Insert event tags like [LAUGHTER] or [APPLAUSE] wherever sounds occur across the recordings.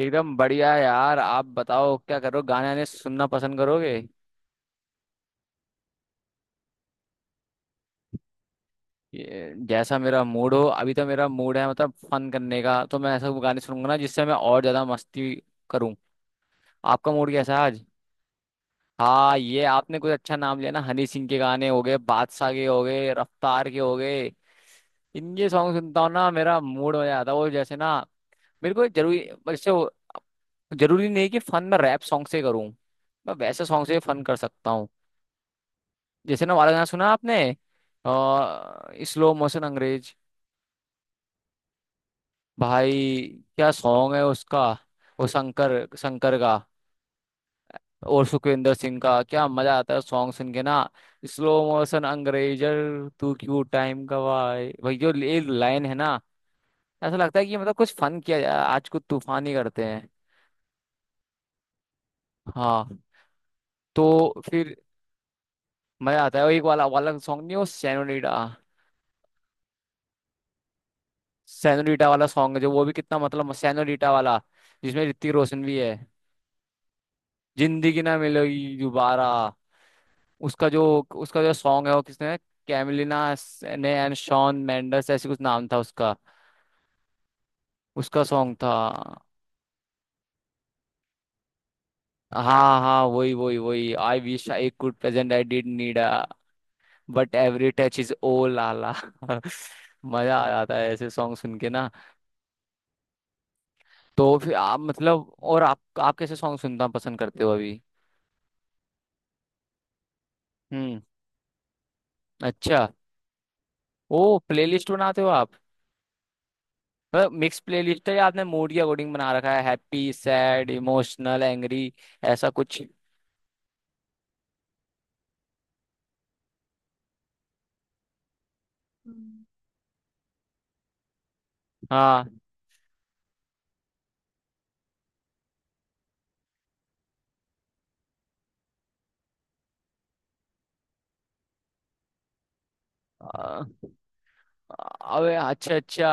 एकदम बढ़िया यार। आप बताओ क्या करो, गाने आने सुनना पसंद करोगे? जैसा मेरा मूड हो। अभी तो मेरा मूड है मतलब फन करने का, तो मैं ऐसा गाने सुनूंगा ना जिससे मैं और ज्यादा मस्ती करूँ। आपका मूड कैसा है आज? हाँ, ये आपने कुछ अच्छा नाम लिया ना। हनी सिंह के गाने हो गए, बादशाह के हो गए, रफ्तार के हो गए। इनके सॉन्ग सुनता हूँ ना, मेरा मूड हो जाता है, वो जैसे ना। मेरे को जरूरी वैसे वो- जरूरी नहीं कि फन मैं रैप सॉन्ग से करूँ। मैं वैसे सॉन्ग से फन कर सकता हूँ। जैसे ना वाला गाना सुना आपने, स्लो मोशन अंग्रेज? भाई क्या सॉन्ग है उसका। वो शंकर शंकर का और सुखविंदर सिंह का, क्या मजा आता है सॉन्ग सुन के ना। स्लो मोशन अंग्रेजर तू क्यों टाइम गवाए भाई, जो ये लाइन है ना, ऐसा लगता है कि मतलब कुछ फन किया जाए, आज कुछ तूफान ही करते हैं। हाँ। तो फिर मजा आता है, वो एक वाला वाला सॉन्ग नहीं, वो सैनोरीटा। सैनोरीटा वाला सॉन्ग है जो, वो भी कितना मतलब सैनोरीटा वाला, जिसमें ऋतिक रोशन भी है। जिंदगी ना मिलेगी दोबारा, उसका जो, उसका जो सॉन्ग है वो किसने, कैमिलिना ने एंड शॉन मेंडेस, ऐसे कुछ नाम था उसका। उसका सॉन्ग था। हाँ हाँ, वही वही वही। I wish I could present I did need a but every touch is ओ लाला। [LAUGHS] मजा आ जाता है ऐसे सॉन्ग सुन के ना। तो फिर आप मतलब, और आप कैसे सॉन्ग सुनना पसंद करते हो अभी? हम्म। अच्छा, ओ प्लेलिस्ट बनाते हो आप? मतलब मिक्स प्लेलिस्ट है, या आपने मूड के अकॉर्डिंग बना रखा है, हैप्पी, सैड, इमोशनल, एंग्री, ऐसा कुछ? हम्म। हाँ। अ- अबे अच्छा अच्छा।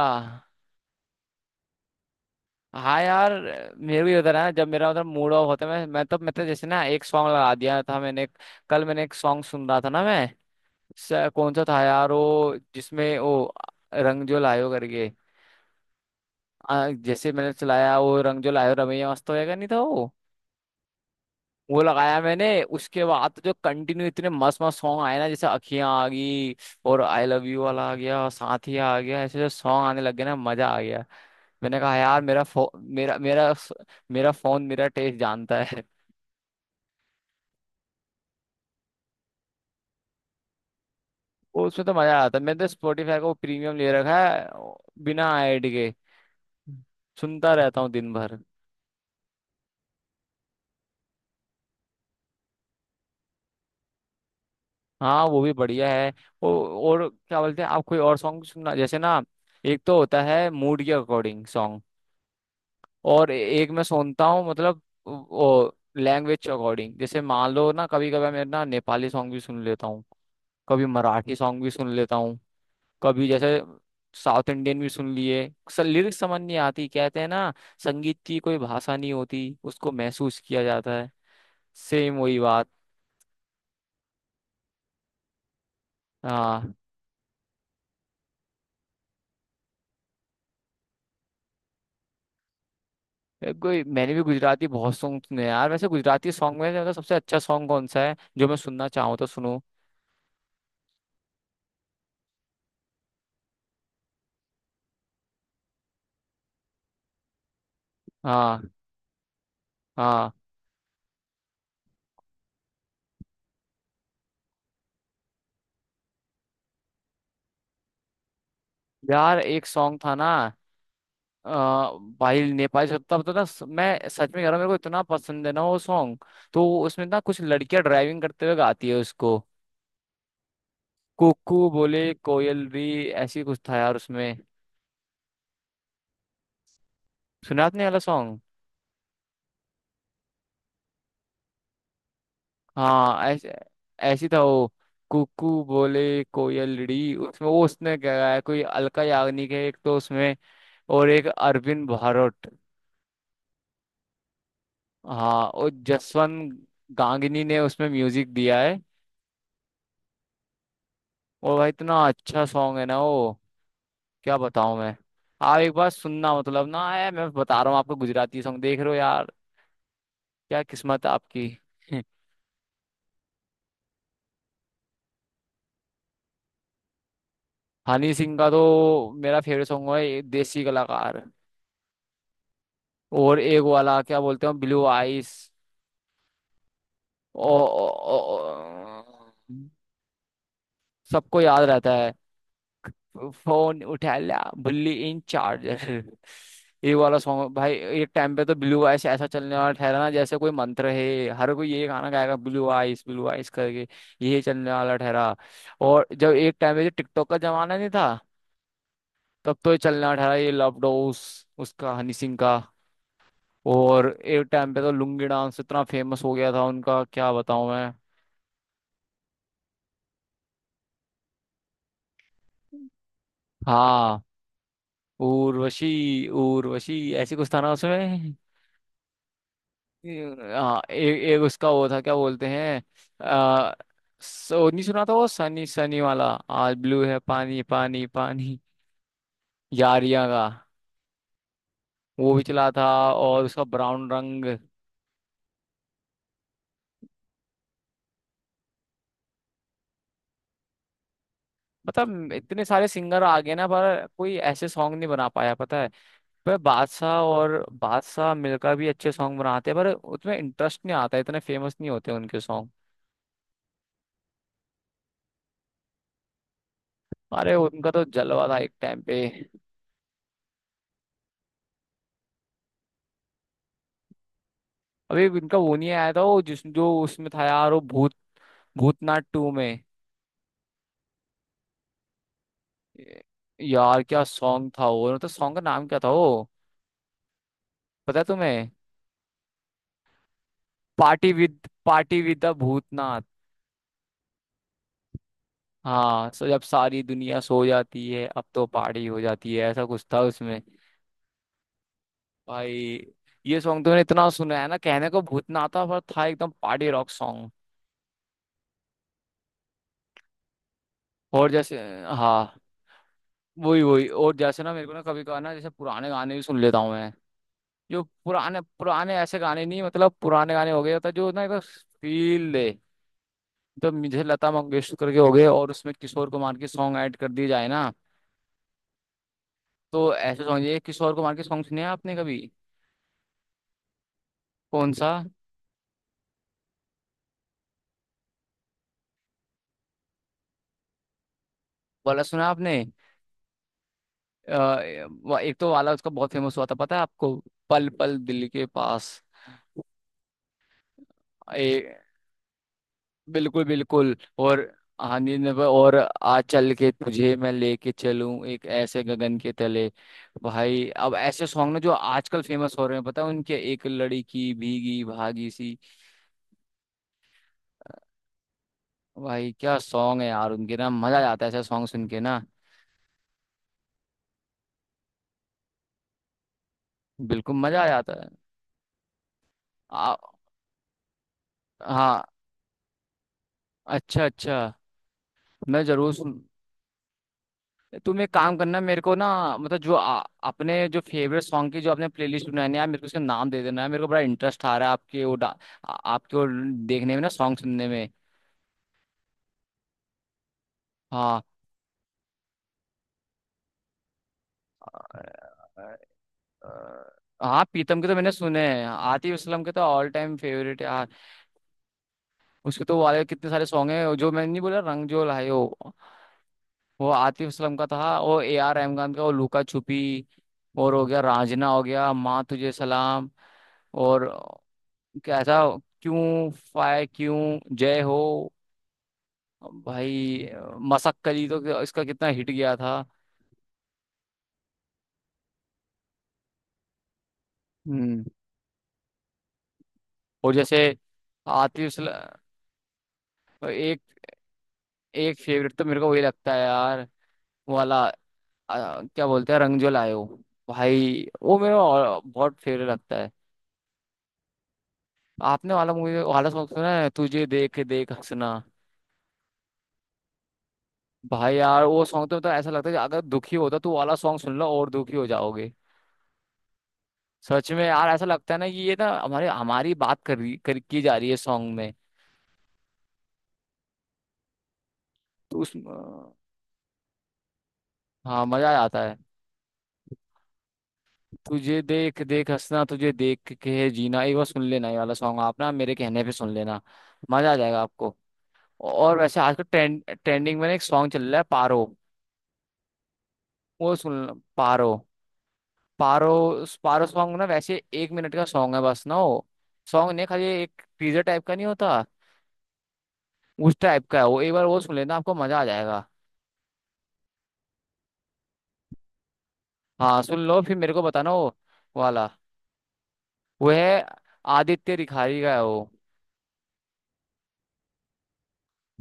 हाँ यार, मेरे भी उधर है ना, जब मेरा उधर मूड ऑफ होता है, मैं तो जैसे ना एक सॉन्ग लगा दिया था मैंने। कल मैंने एक सॉन्ग सुन रहा था ना मैं, कौन सा था यार वो, जिसमें वो रंग जो लायो करके, जैसे मैंने चलाया वो रंग जो लायो रमैया, मस्त होएगा नहीं था वो। वो लगाया मैंने, उसके बाद तो जो कंटिन्यू इतने मस्त मस्त सॉन्ग आए ना, जैसे अखियां आ गई, और आई लव यू वाला आ गया, साथिया आ गया, ऐसे जो सॉन्ग आने लग गए ना, मजा आ गया। मैंने कहा यार, मेरा फोन मेरा टेस्ट जानता है। [LAUGHS] वो उसमें तो मजा आता है। मैंने तो स्पॉटिफाई का वो प्रीमियम ले रखा है, बिना ऐड के सुनता रहता हूँ दिन भर। हाँ, वो भी बढ़िया है। ओ, और क्या बोलते हैं आप, कोई और सॉन्ग सुनना जैसे ना, एक तो होता है मूड के अकॉर्डिंग, और एक मैं सुनता हूँ मतलब वो लैंग्वेज के अकॉर्डिंग। जैसे मान लो ना, कभी कभी मैं ना नेपाली सॉन्ग भी सुन लेता हूँ, कभी मराठी सॉन्ग भी सुन लेता हूँ, कभी जैसे साउथ इंडियन भी सुन लिए। लिरिक्स समझ नहीं आती। कहते हैं ना, संगीत की कोई भाषा नहीं होती, उसको महसूस किया जाता है, सेम वही बात। हाँ। कोई मैंने भी गुजराती बहुत सॉन्ग सुने हैं यार। वैसे गुजराती सॉन्ग में मतलब सबसे अच्छा सॉन्ग कौन सा है जो मैं सुनना चाहूँ तो सुनूँ? हाँ। हाँ यार, एक सॉन्ग था ना, अ, भाई नेपाली सत्ता पता ना, मैं सच में कह रहा हूँ, मेरे को इतना पसंद है ना वो सॉन्ग। तो उसमें ना कुछ लड़कियां ड्राइविंग करते हुए गाती है उसको, कुकू बोले कोयल री, ऐसी कुछ था यार उसमें। सुना आपने ये वाला सॉन्ग? हाँ, ऐसे ऐसी था वो। कुकू बोले कोयल री, उसमें वो उसने क्या गाया है, कोई अलका याग्निक है एक तो उसमें, और एक अरविंद भारोट, हाँ, और जसवंत गांगनी ने उसमें म्यूजिक दिया है। और भाई, इतना अच्छा सॉन्ग है ना वो, क्या बताऊं मैं। आप एक बार सुनना, मतलब ना है, मैं बता रहा हूँ आपको, गुजराती सॉन्ग देख रहे हो यार, क्या किस्मत आपकी। [LAUGHS] हनी सिंह का तो मेरा फेवरेट सॉन्ग है ये, देसी कलाकार, और एक वाला क्या बोलते हैं, ब्लू आइस। ओ, ओ, ओ, ओ- सबको याद रहता, फोन उठा लिया बुल्ली इन चार्ज, ये वाला सॉन्ग भाई। एक टाइम पे तो ब्लू आइस ऐसा चलने वाला ठहरा ना, जैसे कोई मंत्र है, हर कोई ये गाना गाएगा, ब्लू आइस करके, ये चलने वाला ठहरा। और जब एक टाइम पे, जो टिकटॉक का जमाना नहीं था, तब तो ये चलने वाला ठहरा, ये लव डोस, उसका हनी सिंह का। और एक टाइम पे तो लुंगी डांस इतना फेमस हो गया था उनका, क्या बताऊं मैं। हाँ, उर्वशी उर्वशी, ऐसे कुछ था ना उसमें। हाँ, एक उसका वो था क्या बोलते हैं, आ, सो नहीं सुना था वो, सनी सनी वाला, आज ब्लू है पानी पानी पानी, यारियां का। वो भी चला था, और उसका ब्राउन रंग। मतलब इतने सारे सिंगर आ गए ना, पर कोई ऐसे सॉन्ग नहीं बना पाया पता है। पर बादशाह मिलकर भी अच्छे सॉन्ग बनाते हैं, पर उसमें इंटरेस्ट नहीं आता, इतने फेमस नहीं होते उनके सॉन्ग। अरे उनका तो जलवा था एक टाइम पे। अभी उनका वो नहीं आया था, वो जिस जो उसमें था यार, वो भूत, भूतनाथ टू में। यार क्या सॉन्ग था वो, मतलब सॉन्ग का नाम क्या था वो, पता है तुम्हें? Party with the Bhootnath. हाँ, सो जब सारी दुनिया सो जाती है, अब तो पार्टी हो जाती है, ऐसा कुछ था उसमें। भाई, ये सॉन्ग तुमने इतना सुना है ना, कहने को भूतनाथ था पर था एकदम पार्टी रॉक सॉन्ग। और जैसे, हाँ वही वही, और जैसे ना मेरे को ना कभी कभार ना, जैसे पुराने गाने भी सुन लेता हूँ मैं, जो पुराने पुराने ऐसे गाने नहीं मतलब, पुराने गाने हो गए, होता जो ना एक फील दे, तो मुझे लता मंगेशकर के हो गए, और उसमें किशोर कुमार के सॉन्ग ऐड कर दिए जाए ना, तो ऐसे सॉन्ग, ये किशोर कुमार के सॉन्ग सुने हैं आपने कभी? कौन सा वाला सुना आपने? अ, एक तो वाला उसका बहुत फेमस हुआ था पता है आपको, पल पल दिल के पास। ए, बिल्कुल बिल्कुल, और हाँ, और आज चल के तुझे मैं लेके चलूं एक ऐसे गगन के तले। भाई, अब ऐसे सॉन्ग ना जो आजकल फेमस हो रहे हैं पता है उनके, एक लड़की भीगी भागी सी, भाई क्या सॉन्ग है यार उनके ना, मजा आ जाता है ऐसे सॉन्ग सुन के ना। बिल्कुल मजा आ जाता है। आ, हाँ, अच्छा अच्छा, मैं जरूर सुन। तुम एक काम करना मेरे को ना, मतलब जो अपने जो फेवरेट सॉन्ग की जो आपने प्लेलिस्ट बनानी है यार, मेरे को उसका नाम दे देना, है मेरे को बड़ा इंटरेस्ट आ रहा है आपके वो आपके वो देखने में ना, सॉन्ग सुनने में। हाँ, अ- अ- हाँ, पीतम के तो मैंने सुने हैं, आतिफ असलम के तो ऑल टाइम फेवरेट यार। उसके तो वाले कितने सारे सॉन्ग हैं, जो मैंने नहीं बोला रंग जो लाए हो, वो आतिफ असलम का था, वो ए आर रहमान का वो लुका छुपी, और हो गया रांझना, हो गया माँ तुझे सलाम, और कैसा क्यों फाय क्यों, जय हो, भाई मसक्कली तो, इसका कितना हिट गया था। हम्म। और जैसे आतिफ असलम, एक, एक फेवरेट तो मेरे को वही लगता है यार, वो वाला, क्या बोलते हैं, रंग जो लायो। भाई वो मेरा और बहुत फेवरेट लगता है। आपने वाला मूवी वाला सॉन्ग सुना है, तुझे देख देख हंसना? भाई यार वो सॉन्ग तो मतलब, ऐसा लगता है कि अगर दुखी होता तो वो वाला सॉन्ग सुन लो और दुखी हो जाओगे। सच में यार ऐसा लगता है ना कि ये ना हमारे हमारी बात कर की जा रही है सॉन्ग में। तो उस, हाँ मजा आ जाता है। तुझे देख देख हंसना, तुझे देख के है जीना, ये वो सुन लेना, ये वाला सॉन्ग आप ना मेरे कहने पे सुन लेना, मजा आ जाएगा आपको। और वैसे आजकल ट्रेंडिंग में ना एक सॉन्ग चल रहा है, पारो। वो सुन लो, पारो, पारो। उस पारो सॉन्ग ना, वैसे 1 मिनट का सॉन्ग है बस ना, वो सॉन्ग नहीं, खाली एक टीजर टाइप का नहीं होता, उस टाइप का है वो। एक बार वो सुन लेना आपको मजा आ जाएगा। हाँ सुन लो, फिर मेरे को बताना वो वाला। वो है, आदित्य रिखारी का है वो।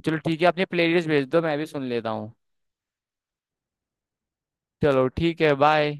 चलो ठीक है, अपनी प्लेलिस्ट भेज दो मैं भी सुन लेता हूँ। चलो ठीक है, बाय।